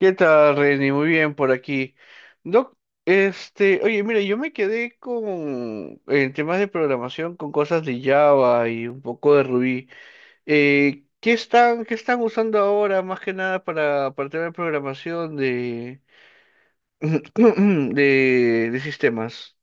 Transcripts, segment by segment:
¿Qué tal, Reni? Muy bien por aquí. Doc, oye, mira, yo me quedé con en temas de programación con cosas de Java y un poco de Ruby. ¿ qué están usando ahora más que nada para temas de programación de, de sistemas?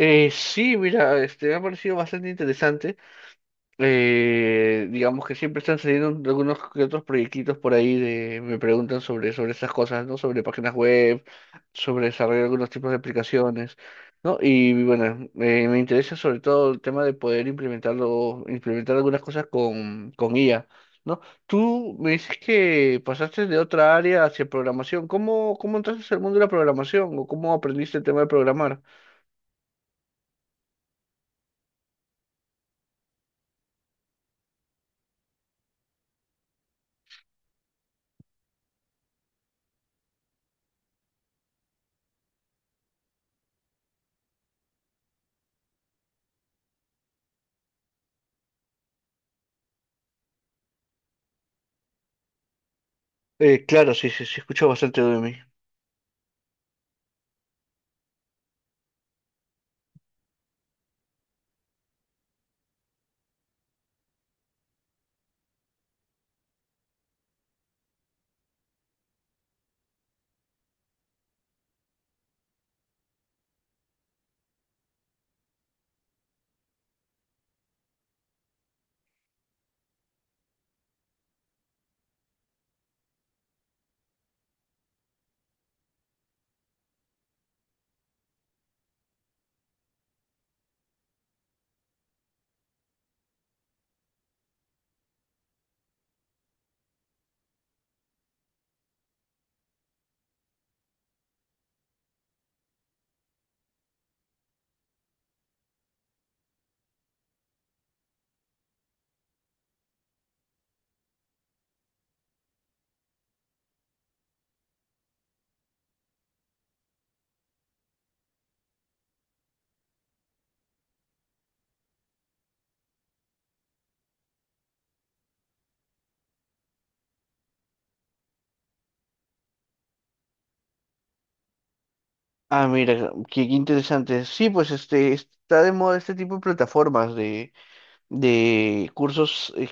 Sí, mira, me ha parecido bastante interesante. Digamos que siempre están saliendo algunos que otros proyectitos por ahí de, me preguntan sobre esas cosas, ¿no? Sobre páginas web, sobre desarrollar algunos tipos de aplicaciones, ¿no? Y bueno, me interesa sobre todo el tema de poder implementarlo, implementar algunas cosas con IA, ¿no? Tú me dices que pasaste de otra área hacia programación. ¿ cómo entraste al mundo de la programación o cómo aprendiste el tema de programar? Claro, sí, sí, sí, escucho bastante de mí. Ah, mira, qué interesante. Sí, pues este está de moda este tipo de plataformas de cursos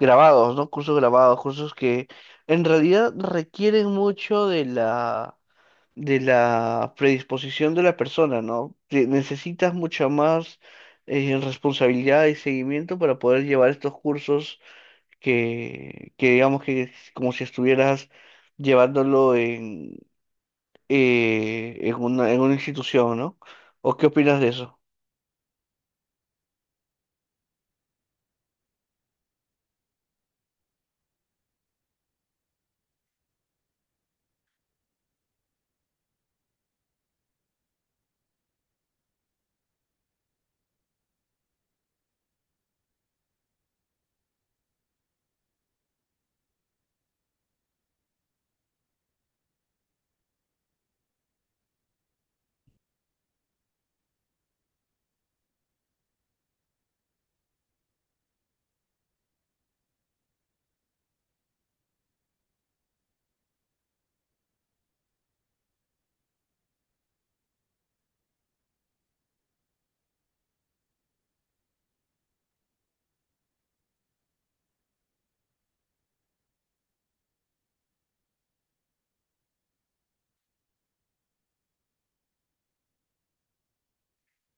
grabados, ¿no? Cursos grabados, cursos que en realidad requieren mucho de la predisposición de la persona, ¿no? Te- Necesitas mucha más responsabilidad y seguimiento para poder llevar estos cursos que digamos que es como si estuvieras llevándolo en una institución, ¿no? ¿O qué opinas de eso?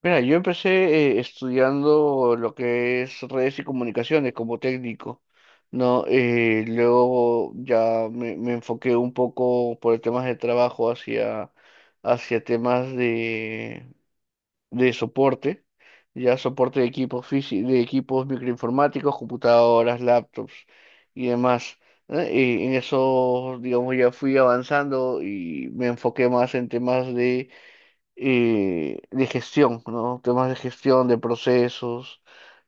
Mira, yo empecé estudiando lo que es redes y comunicaciones como técnico, ¿no? Luego ya me enfoqué un poco por temas de trabajo hacia, hacia temas de soporte, ya soporte de equipos de equipos microinformáticos, computadoras, laptops y demás. ¿Eh? Y en eso, digamos, ya fui avanzando y me enfoqué más en temas de gestión, ¿no? Temas de gestión, de procesos,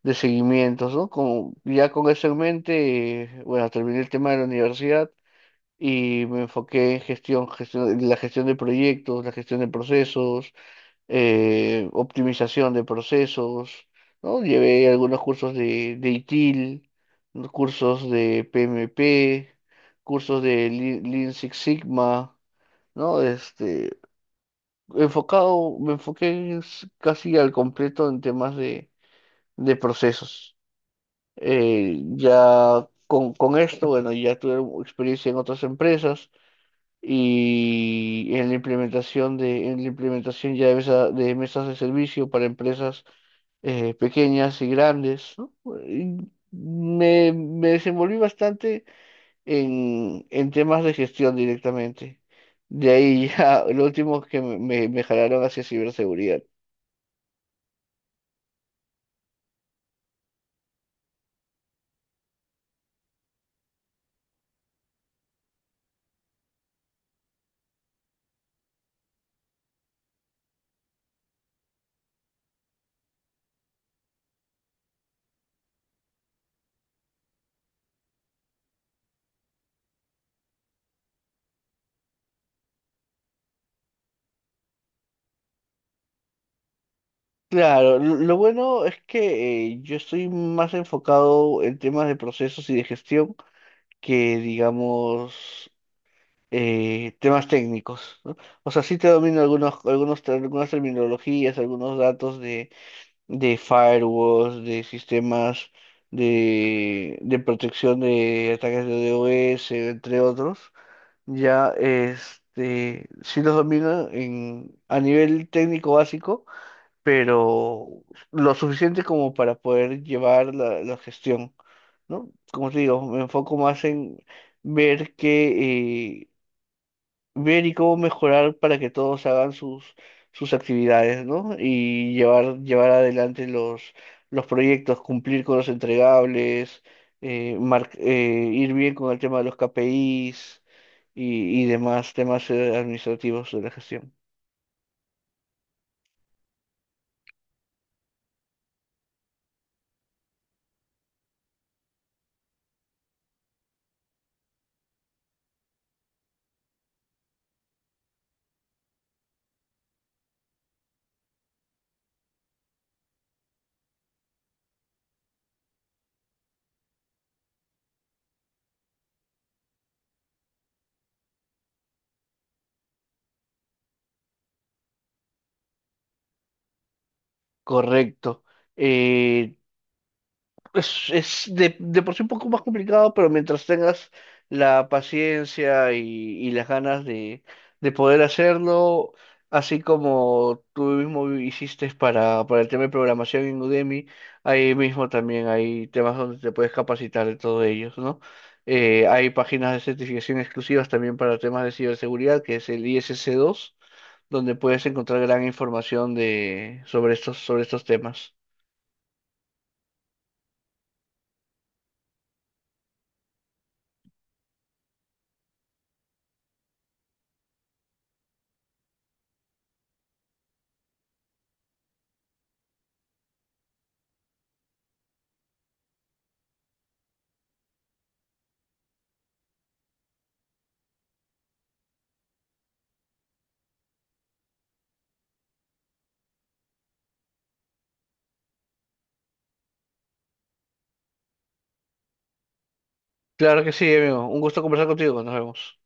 de seguimientos, ¿no? Como, ya con eso en mente, bueno, terminé el tema de la universidad y me enfoqué en gestión, la gestión de proyectos, la gestión de procesos optimización de procesos, ¿no? Llevé algunos cursos de ITIL, ¿no? Cursos de PMP, cursos de Lean Six Sigma, ¿no? Enfocado, me enfoqué s- casi al completo en temas de procesos. Ya con esto, bueno, ya tuve experiencia en otras empresas y en la implementación de, en la implementación ya de, mesa- de mesas de servicio para empresas pequeñas y grandes, ¿no? Y me desenvolví bastante en temas de gestión directamente. De ahí ya lo último que me jalaron hacia ciberseguridad. Claro, lo bueno es que yo estoy más enfocado en temas de procesos y de gestión que digamos temas técnicos, ¿no? O sea, sí te domino algunos, ter- algunas terminologías, algunos datos de firewalls, de sistemas de protección de ataques de DOS, entre otros. Ya, este, sí los domino en, a nivel técnico básico, pero lo suficiente como para poder llevar la, la gestión, ¿no? Como te digo, me enfoco más en ver que ver y cómo mejorar para que todos hagan sus, sus actividades, ¿no? Y llevar, llevar adelante los proyectos, cumplir con los entregables, ir bien con el tema de los KPIs y demás temas administrativos de la gestión. Correcto. Eh, es de por sí un poco más complicado, pero mientras tengas la paciencia y las ganas de poder hacerlo, así como tú mismo hiciste para el tema de programación en Udemy, ahí mismo también hay temas donde te puedes capacitar de todos ellos, ¿no? Hay páginas de certificación exclusivas también para temas de ciberseguridad, que es el ISC2, donde puedes encontrar gran información de, sobre estos temas. Claro que sí, amigo. Un gusto conversar contigo. Nos vemos.